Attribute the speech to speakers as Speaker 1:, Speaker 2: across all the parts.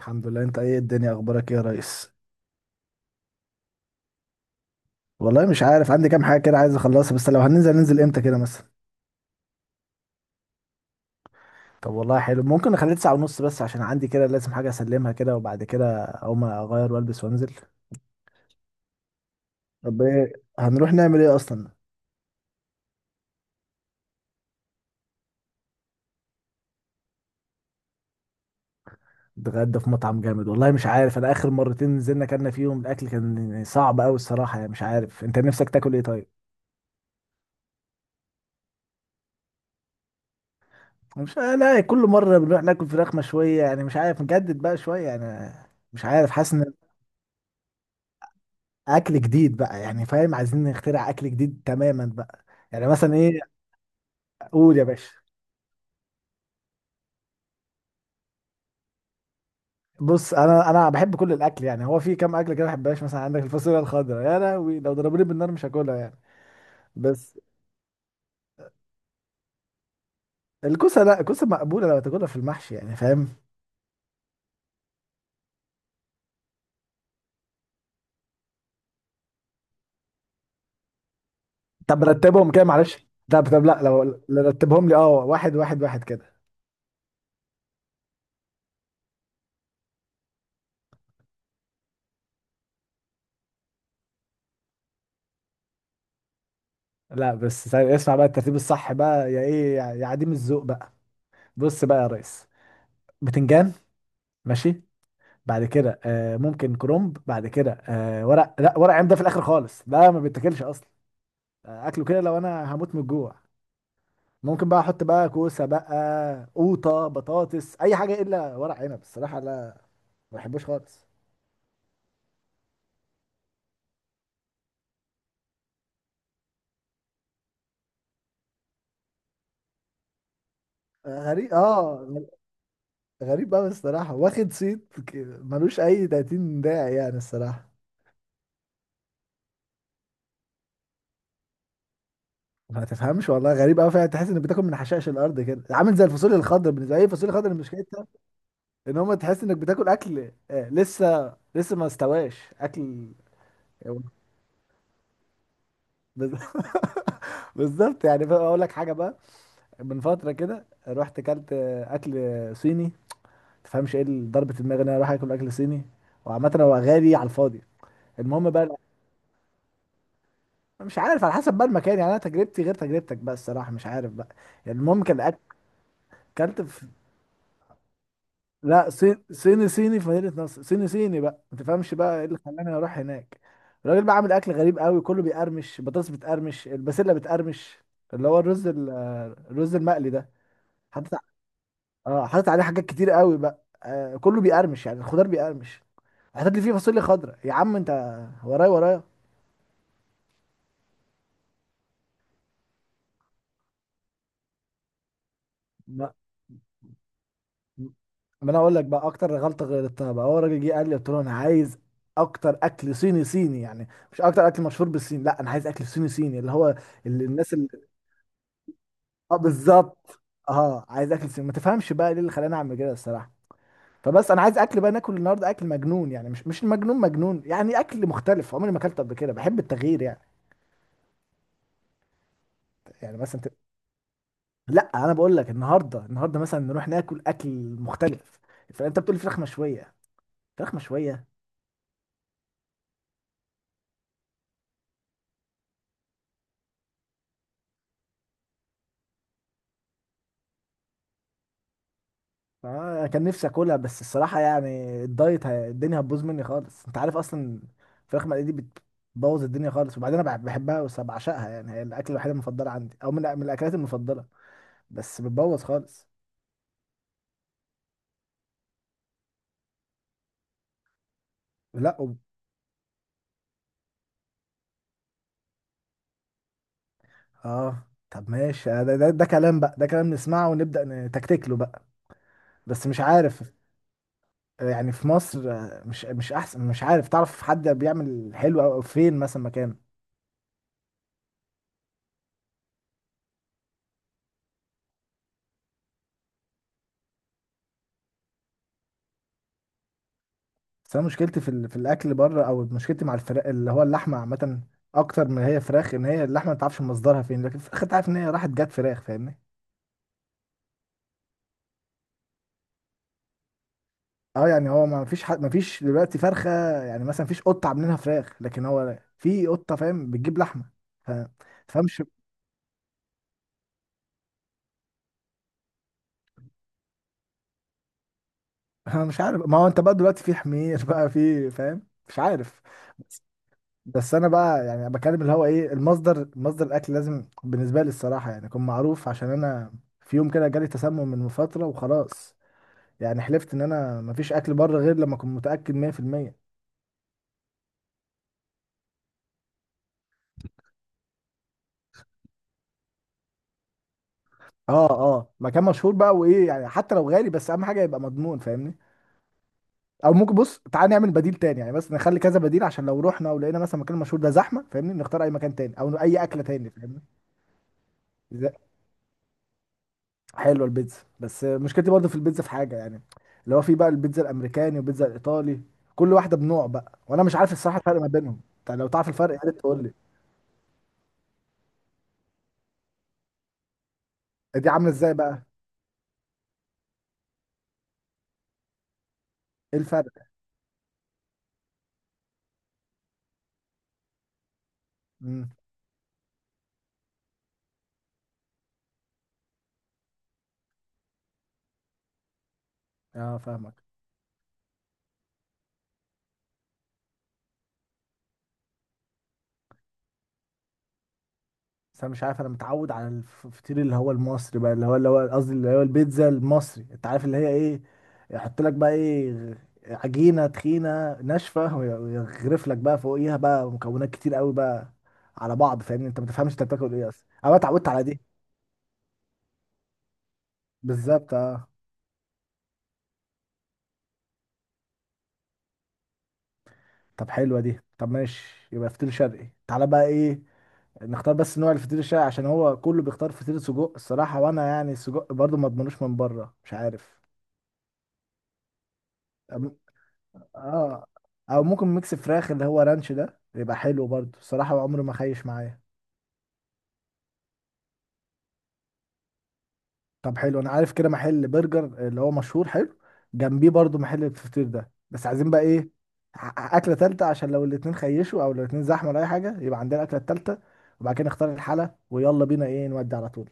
Speaker 1: الحمد لله. انت ايه؟ الدنيا اخبارك ايه يا ريس؟ والله مش عارف، عندي كام حاجه كده عايز اخلصها، بس لو هننزل ننزل امتى كده مثلا؟ طب والله حلو، ممكن نخليه تسعة ونص بس عشان عندي كده لازم حاجه اسلمها كده، وبعد كده اقوم اغير والبس وانزل. طب ايه، هنروح نعمل ايه اصلا؟ نتغدى في مطعم جامد؟ والله مش عارف، انا اخر مرتين نزلنا كنا فيهم الاكل كان صعب قوي الصراحه، يعني مش عارف انت نفسك تاكل ايه طيب. مش، لا كل مره بنروح ناكل فراخ مشويه، يعني مش عارف نجدد بقى شويه يعني. مش عارف، حاسس ان اكل جديد بقى يعني، فاهم؟ عايزين نخترع اكل جديد تماما بقى. يعني مثلا ايه؟ قول يا باشا. بص انا بحب كل الاكل يعني، هو في كام اكل كده ما بحبهاش، مثلا عندك الفاصوليا الخضراء يا لهوي لو ضربوني بالنار مش هاكلها يعني. بس الكوسه، لا الكوسه مقبوله لو تاكلها في المحشي يعني، فاهم؟ طب رتبهم كده معلش. طب طب لا، لو لو رتبهم لي، اه واحد واحد واحد كده. لا بس ثانية، اسمع بقى الترتيب الصح بقى، يا ايه يا يا عديم الذوق بقى. بص بقى يا ريس، بتنجان، ماشي. بعد كده آه ممكن كرومب، بعد كده آه ورق، لا ورق عنب ده في الاخر خالص، ده ما بيتاكلش اصلا. آه اكله كده لو انا هموت من الجوع، ممكن بقى احط بقى كوسه بقى، قوطه، بطاطس، اي حاجه الا ورق عنب الصراحه لا، ما بحبوش خالص. آه غريب، اه غريب قوي الصراحه، واخد صيت ملوش اي 30 داعي يعني الصراحه. ما تفهمش والله، غريب قوي فعلا، تحس انك بتاكل من حشائش الارض كده، عامل زي الفاصوليا الخضراء بالنسبه لي، الفاصوليا الخضراء مش، ان هو تحس انك بتاكل اكل لسه ما استواش اكل. بز- بالظبط، يعني بقى اقول لك حاجه بقى، من فتره كده رحت اكلت اكل صيني. تفهمش ايه اللي ضربه دماغي ان انا اروح اكل اكل صيني؟ وعامه هو غالي على الفاضي. المهم بقى، مش عارف على حسب بقى المكان، يعني انا تجربتي غير تجربتك بقى الصراحه، مش عارف بقى. يعني المهم كان اكل، اكلت في، لا صيني صيني في مدينة نصر، صيني صيني بقى، ما تفهمش بقى ايه اللي خلاني اروح هناك. الراجل بقى عامل اكل غريب قوي، كله بيقرمش، بطاطس بتقرمش، البسلة بتقرمش، اللي هو الرز الرز المقلي ده. حاطط ع- اه حاطط عليه حاجات كتير قوي بقى، آه كله بيقرمش يعني، الخضار بيقرمش، حاطط لي فيه فاصوليا خضراء يا عم انت، ورايا ورايا. ما ما انا اقول لك بقى، اكتر غلطة غلطتها بقى هو الراجل جه قال لي، قلت له انا عايز اكتر اكل صيني صيني، يعني مش اكتر اكل مشهور بالصين، لا انا عايز اكل صيني صيني اللي هو اللي الناس، اه بالظبط، اه عايز اكل سمين. ما تفهمش بقى ليه اللي خلاني اعمل كده الصراحه. فبس انا عايز اكل بقى، ناكل النهارده اكل مجنون، يعني مش مجنون مجنون، يعني اكل مختلف عمري ما اكلت قبل كده، بحب التغيير يعني. يعني مثلا لا انا بقول لك النهارده، النهارده مثلا نروح ناكل اكل مختلف. فانت بتقول فراخ مشويه، فراخ مشويه. آه كان نفسي اكلها بس الصراحه يعني، الدايت الدنيا هتبوظ مني خالص، انت عارف اصلا الفراخ مقليه دي بتبوظ الدنيا خالص، وبعدين انا بحبها وبعشقها، يعني هي الاكل الوحيد المفضل عندي، او من من الاكلات المفضله بس بتبوظ خالص. لا وب... اه طب ماشي، آه، ده كلام بقى، ده كلام نسمعه ونبدأ نتكتك له بقى. بس مش عارف، آه، يعني في مصر، آه، مش احسن، مش عارف تعرف حد بيعمل حلو او أو فين مثلا مكان؟ بس انا مشكلتي في في الاكل بره، او مشكلتي مع الفراخ اللي هو اللحمه عامه، اكتر من هي فراخ، ان هي اللحمه ما تعرفش مصدرها فين، لكن الفراخ انت عارف ان هي راحت جت فراخ، فاهمني؟ اه يعني هو ما فيش حد، ما فيش دلوقتي فرخه، يعني مثلا فيش قطه عاملينها فراخ، لكن هو في قطه فاهم بتجيب لحمه. ف- تفهمش انا مش عارف، ما هو انت بقى دلوقتي في حمير بقى، في فاهم، مش عارف. بس بس انا بقى يعني بكلم اللي هو ايه، المصدر، مصدر الاكل لازم بالنسبه لي الصراحه يعني يكون معروف، عشان انا في يوم كده جالي تسمم من فتره وخلاص، يعني حلفت ان انا مفيش اكل بره غير لما اكون متاكد 100%. اه اه، مكان مشهور بقى، وايه يعني حتى لو غالي بس اهم حاجه يبقى مضمون، فاهمني؟ او ممكن بص تعالى نعمل بديل تاني يعني، بس نخلي كذا بديل، عشان لو رحنا ولقينا مثلا مكان مشهور ده زحمه فاهمني، نختار اي مكان تاني او اي اكله تاني، فاهمني؟ حلوه البيتزا، بس مشكلتي برضو في البيتزا في حاجه يعني، اللي هو في بقى البيتزا الامريكاني والبيتزا الايطالي، كل واحده بنوع بقى، وانا مش عارف الصراحه الفرق ما بينهم، طب لو تعرف الفرق يا ريت تقول لي. دي عامله ازاي بقى؟ ايه الفرق؟ امم، اه فاهمك. بس انا مش عارف، انا متعود على الفطير اللي هو المصري بقى، اللي هو اللي هو قصدي اللي هو البيتزا المصري، انت عارف اللي هي ايه، يحط لك بقى ايه، عجينه تخينه ناشفه ويغرف لك بقى فوقيها بقى مكونات كتير قوي بقى على بعض، فاهمني؟ انت ما تفهمش انت بتاكل ايه اصلا، انا اتعودت على دي. بالظبط اه. طب حلوه دي، طب ماشي يبقى فطير شرقي، تعالى بقى ايه نختار، بس نوع الفطير الشرقي، عشان هو كله بيختار فطير سجق الصراحه، وانا يعني السجق برضو ما اضمنوش من بره، مش عارف. أم- اه. او ممكن ميكس فراخ اللي هو رانش ده، يبقى حلو برضو الصراحه، عمره ما خيش معايا. طب حلو، انا عارف كده محل برجر اللي هو مشهور حلو، جنبيه برضو محل الفطير ده، بس عايزين بقى ايه، اكله تالته، عشان لو الاتنين خيشوا او لو الاتنين زحمه ولا اي حاجه يبقى عندنا الاكله التالته، وبعد كده نختار الحلا ويلا بينا ايه نودي على طول.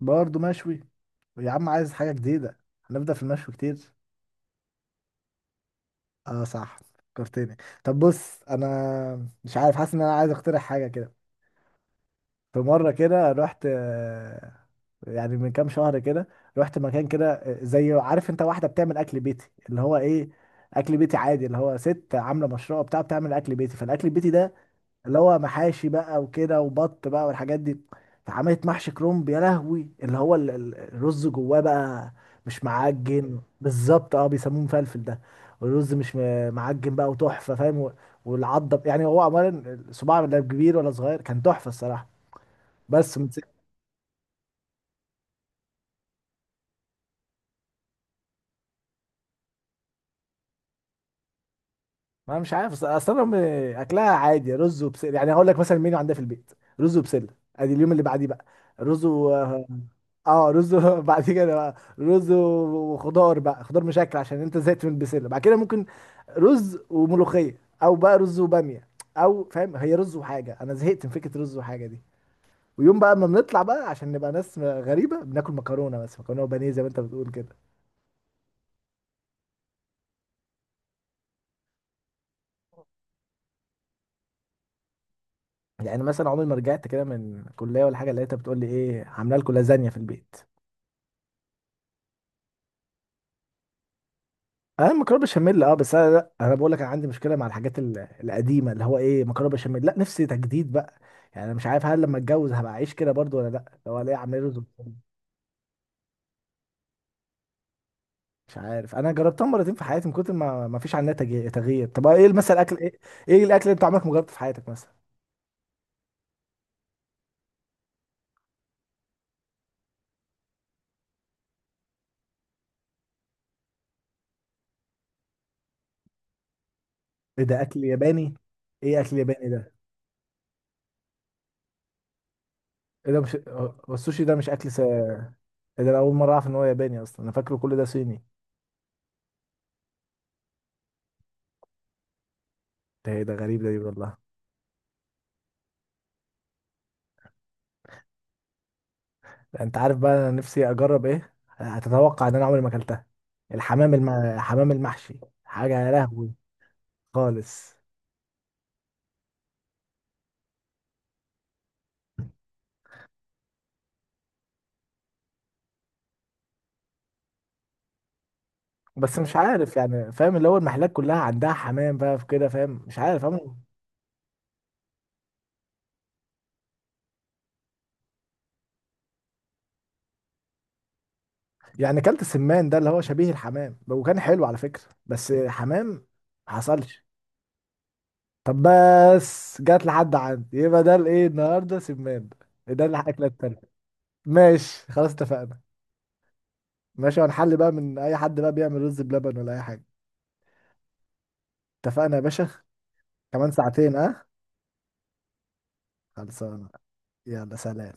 Speaker 1: برضو مشوي؟ يا عم عايز حاجه جديده، هنبدا في المشوي كتير. اه صح، فكرتني. طب بص انا مش عارف، حاسس ان انا عايز اقترح حاجه كده. في مرة كده رحت آه، يعني من كام شهر كده، رحت مكان كده آه، زي، عارف انت واحدة بتعمل اكل بيتي اللي هو ايه، اكل بيتي عادي، اللي هو ست عاملة مشروع بتاع بتعمل اكل بيتي، فالاكل البيتي ده اللي هو محاشي بقى وكده وبط بقى والحاجات دي، فعملت محشي كرنب يا لهوي، اللي هو الرز جواه بقى مش معجن، فلفل بالظبط اه، بيسموه مفلفل ده. والرز مش معجن بقى، وتحفة فاهم، والعضة يعني هو عمال صباع لا كبير ولا صغير، كان تحفة الصراحة. بس متس... ما مش عارف، اصل انا اكلها عادي رز وبسله، يعني هقول لك مثلا المنيو عندها في البيت، رز وبسله، ادي اليوم اللي بعديه بقى، رز و... اه رز و- بعد كده بقى رز وخضار بقى، خضار مشكل عشان انت زهقت من البسله، بعد كده ممكن رز وملوخيه او بقى رز وباميه، او فاهم هي رز وحاجه، انا زهقت من فكره رز وحاجه دي. ويوم بقى ما بنطلع بقى عشان نبقى ناس غريبه بناكل مكرونه، بس مكرونه وبانيه زي ما انت بتقول كده. يعني مثلا عمري ما رجعت كده من كليه ولا حاجه لقيتها بتقول لي ايه، عامله لكم لازانيا في البيت. انا مكرونه بشاميل اه، بس انا لا انا بقول لك، انا عندي مشكله مع الحاجات القديمه، اللي هو ايه مكرونه بشاميل، لا نفسي تجديد بقى، يعني انا مش عارف هل لما اتجوز هبقى اعيش كده برضو ولا لا، لو الاقي عامل رز وبسمتي. مش عارف، انا جربتها مرتين في حياتي، من كتر ما ما فيش عنها تغيير. طب ايه مثلا اكل ايه؟ ايه الاكل اللي انت عمرك ما جربته في حياتك مثلا؟ ايه ده اكل ياباني؟ ايه اكل ياباني ده؟ ايه ده مش هو السوشي ده مش اكل إيه؟ ده انا اول مره اعرف ان هو ياباني اصلا، انا فاكره كل ده صيني. ده ايه ده غريب ده، دي والله. انت عارف بقى انا نفسي اجرب ايه، هتتوقع ان انا عمري ما اكلتها، الحمام حمام المحشي، حاجه يا لهوي. خالص. بس مش عارف يعني، فاهم اللي هو المحلات كلها عندها حمام بقى في كده، فاهم؟ مش عارف عمري، يعني اكلت السمان ده اللي هو شبيه الحمام، وكان حلو على فكره، بس حمام ما حصلش. طب بس جات لحد عندي، يبقى ده الايه النهارده، سمان، ده اللي الاكله التانيه. ماشي خلاص اتفقنا. ماشي، هنحل بقى من اي حد بقى بيعمل رز بلبن ولا اي حاجه. اتفقنا يا باشا. كمان ساعتين اه. خلصانة. يلا سلام.